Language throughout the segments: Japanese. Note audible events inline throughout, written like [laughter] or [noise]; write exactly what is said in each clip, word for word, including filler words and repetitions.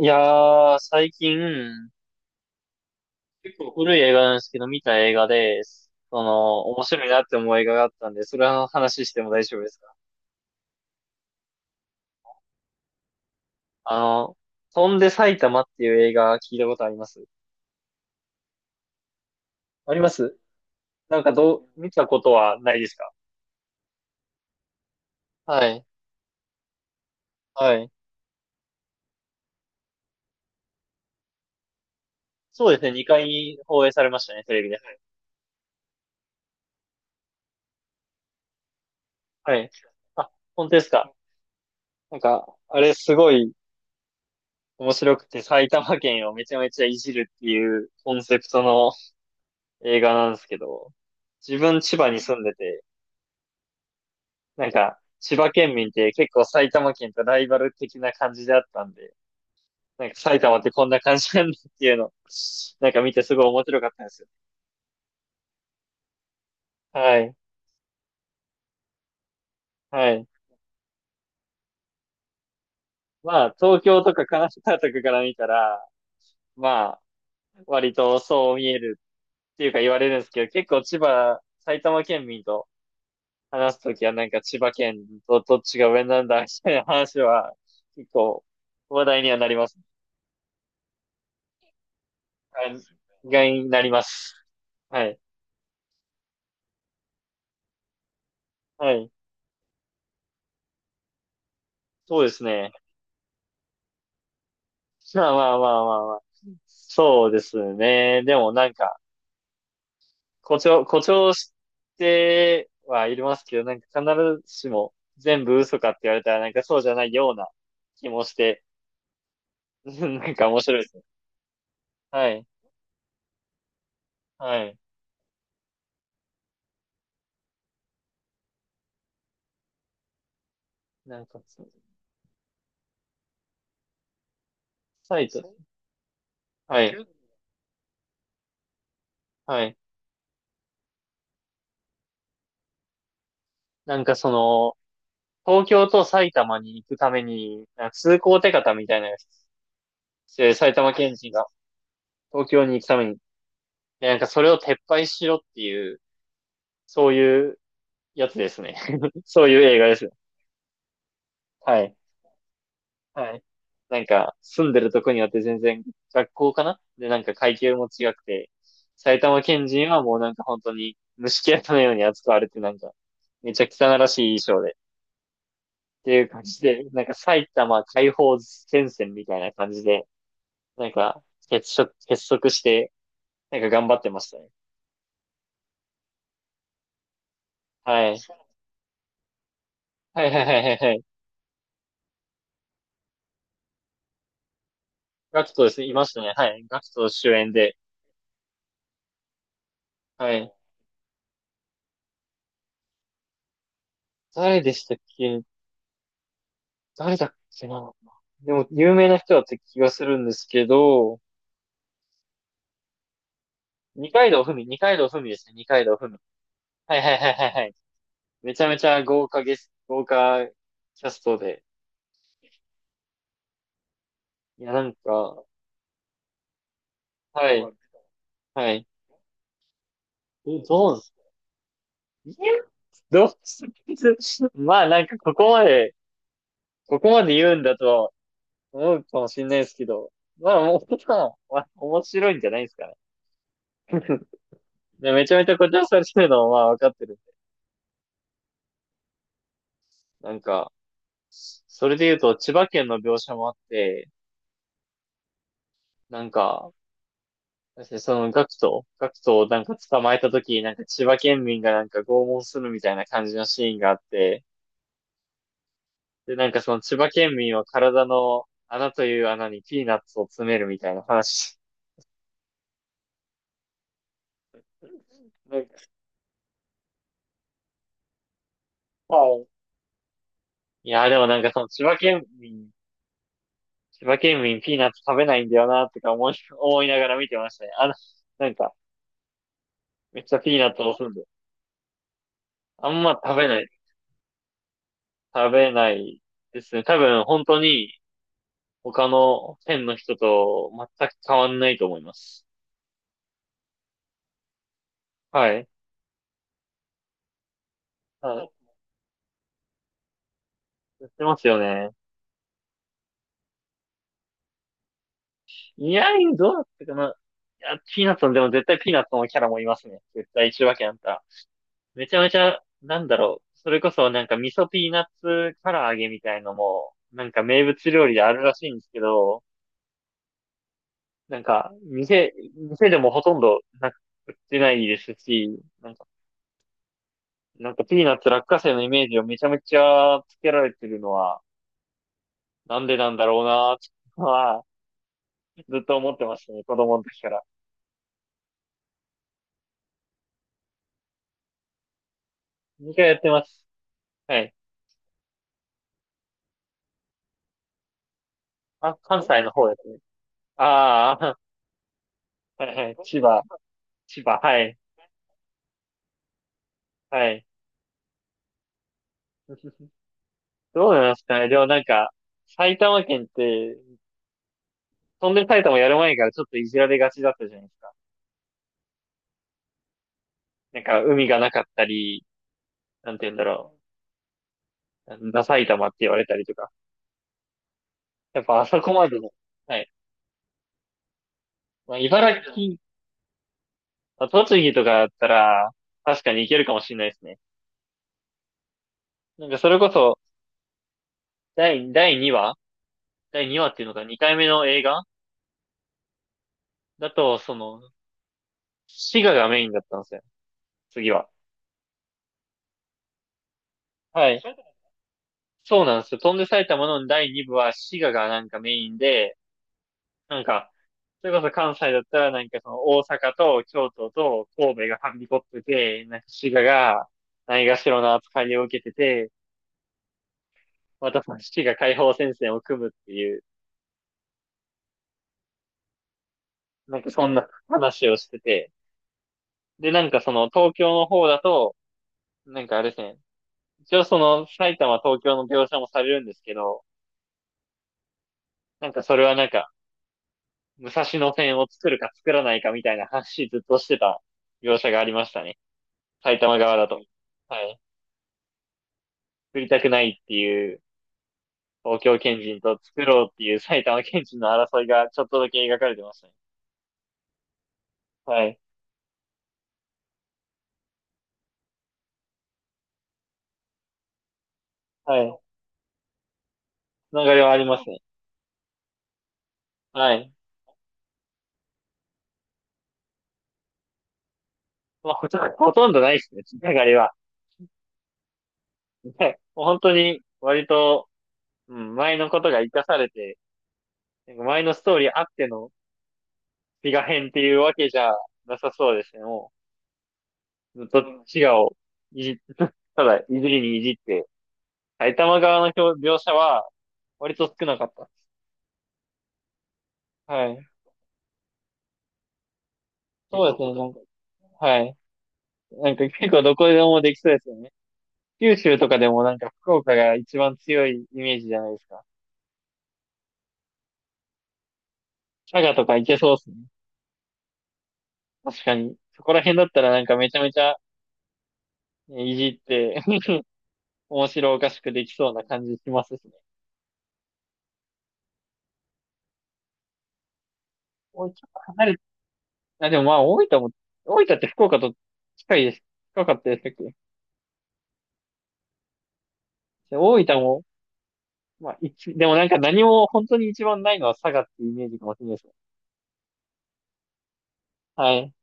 いやー、最近、結構古い映画なんですけど、見た映画で、その、面白いなって思う映画があったんで、それの話しても大丈夫ですか？あの、飛んで埼玉っていう映画聞いたことあります？あります？なんかどう、見たことはないですか？はい。はい。そうですね、にかい放映されましたね、テレビで。はい。あ、本当ですか？なんか、あれすごい面白くて、埼玉県をめちゃめちゃいじるっていうコンセプトの映画なんですけど、自分千葉に住んでて、なんか、千葉県民って結構埼玉県とライバル的な感じであったんで、なんか埼玉ってこんな感じなんだっていうの、なんか見てすごい面白かったんですよ。はい。はい。まあ、東京とか神奈川とかから見たら、まあ、割とそう見えるっていうか言われるんですけど、結構千葉、埼玉県民と話すときはなんか千葉県とどっちが上なんだみたいな話は結構話題にはなりますね。はい。がになります。はい。はい。そうですね。[laughs] まあまあまあまあまあ。そうですね。でもなんか、誇張、誇張してはいますけど、なんか必ずしも全部嘘かって言われたらなんかそうじゃないような気もして、[laughs] なんか面白いですね。はい。はい。なんか、埼玉はい。はい。なんかその、東京と埼玉に行くために、なんか通行手形みたいなやつで、埼玉県人が東京に行くためにで、なんかそれを撤廃しろっていう、そういうやつですね。[laughs] そういう映画です。はい。はい。なんか、住んでるとこによって全然学校かなで、なんか階級も違くて、埼玉県人はもうなんか本当に虫けらのように扱われてなんか、めちゃ汚らしい衣装で、っていう感じで、なんか埼玉解放戦線みたいな感じで、なんか結束、結束して、なんか頑張ってましたね。はい。はいはいはいはいはい。ガクトですね。いましたね。はい。ガクト主演で、はい。誰でしたっけ？誰だっけな？でも、有名な人だった気がするんですけど、二階堂ふみ、二階堂ふみですね、二階堂ふみ。はいはいはいはいはい。めちゃめちゃ豪華ゲス、豪華キャストで。いや、なんか、はい、はい。え、どうす、いや、どうす、[laughs] まあなんかここまで、ここまで言うんだとは思うかもしれないですけど、まあもう、[laughs] まあ面白いんじゃないですかね。で、めちゃめちゃ誇張されてるのはまあわかってるんで。なんか、それで言うと、千葉県の描写もあって、なんか、その学徒、学徒をなんか捕まえた時きなんか千葉県民がなんか拷問するみたいな感じのシーンがあって、で、なんかその千葉県民は体の穴という穴にピーナッツを詰めるみたいな話。なんか、はい。いや、でもなんかその千葉県民、千葉県民ピーナッツ食べないんだよな、とか思い、思いながら見てましたね。あの、なんか、めっちゃピーナッツを押すんで。あんま食べない、食べないですね。多分本当に、他の県の人と全く変わんないと思います。はい。はい。やってますよね。いや、どうだったかな。いや、ピーナッツの、でも絶対ピーナッツのキャラもいますね。絶対一わけあんた。めちゃめちゃ、なんだろう。それこそなんか味噌ピーナッツ唐揚げみたいのも、なんか名物料理であるらしいんですけど、なんか、店、店でもほとんどなく売ってないですし、なんか、なんかピーナッツ落花生のイメージをめちゃめちゃつけられてるのは、なんでなんだろうなーは、ずっと思ってましたね、子供の時から。にかいやってます。はい。あ、関西の方ですね。ああ、[laughs] はいはい。千葉、千葉、はい、はい。[laughs] どうなんですかね。でもなんか、埼玉県って、飛んで埼玉やる前からちょっといじられがちだったじゃないですか。なんか、海がなかったり、なんて言うんだろう。なんだ埼玉って言われたりとか。やっぱあそこまでの、はい。まあ、茨城、まあ栃木とかだったら、確かに行けるかもしれないですね。なんかそれこそ、第、第2話だいにわっていうのがにかいめの映画だと、その、滋賀がメインだったんですよ。次は。はい。そうなんですよ。飛んで埼玉のだいに部は滋賀がなんかメインで、なんか、それこそ関西だったらなんかその大阪と京都と神戸がはびこってて、なんか滋賀がないがしろな扱いを受けてて、またその滋賀解放戦線を組むっていう、なんかそんな話をしてて。で、なんかその東京の方だと、なんかあれですね、一応その埼玉、東京の描写もされるんですけど、なんかそれはなんか、武蔵野線を作るか作らないかみたいな話ずっとしてた描写がありましたね。埼玉側だと。はい。作りたくないっていう東京県人と作ろうっていう埼玉県人の争いがちょっとだけ描かれてましたね。はい。はい。流れはありますね。はい。まあ、ほとほとんどないですね、流れは。はい。もう本当に割と、うん、前のことが活かされて、なんか前のストーリーあってのピガ編っていうわけじゃなさそうですね。もう、ずっと滋賀をいじ、[laughs] ただいじりにいじって、埼玉側の表描写は割と少なかった。はい。そうですね。なんか、はい。なんか結構どこでもできそうですよね。九州とかでもなんか福岡が一番強いイメージじゃないですか。佐賀とかいけそうですね。確かに。そこら辺だったらなんかめちゃめちゃねいじって [laughs] 面白おかしくできそうな感じしますしね。もうちょっと離れあ、でもまあ、大分も、大分って福岡と近いです。近かったでしたっけ？で大分も、まあ、一、でもなんか何も本当に一番ないのは佐賀っていうイメージかもしれないですね。はい。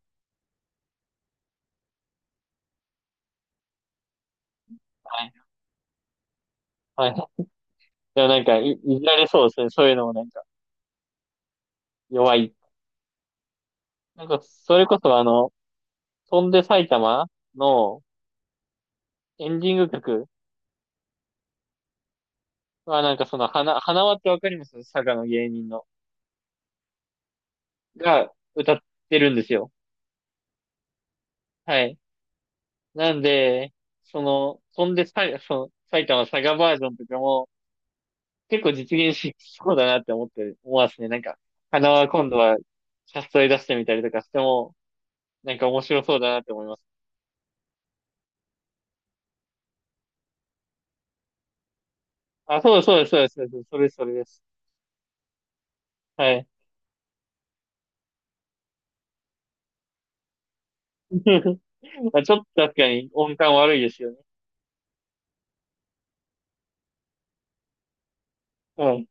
はい。はい。でもなんかい、いじられそうですね。そういうのもなんか、弱い。なんか、それこそあの、飛んで埼玉のエンディング曲はなんかその、花、花輪ってわかります？佐賀の芸人の。が歌ってるんですよ。はい。なんで、その、飛んでさい、その、埼玉佐賀バージョンとかも、結構実現しそうだなって思って思わすね。なんか、花は今度はキャストで出してみたりとかしても、なんか面白そうだなって思います。あ、そうですそうです、そうです、そうです。それです、それです。はい。[laughs] まあ、ちょっと確かに音感悪いですよね。うん。い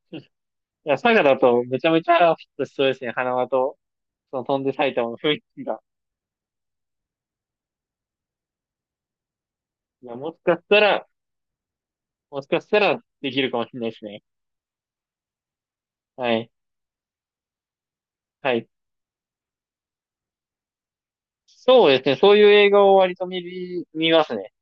や、佐賀だとめちゃめちゃフィットしそうですね。花輪と、その飛んで埼玉の雰囲気が。いや、もしかしたら、もしかしたらできるかもしれないですね。はい。はい。そうですね。そういう映画を割と見る、見ますね。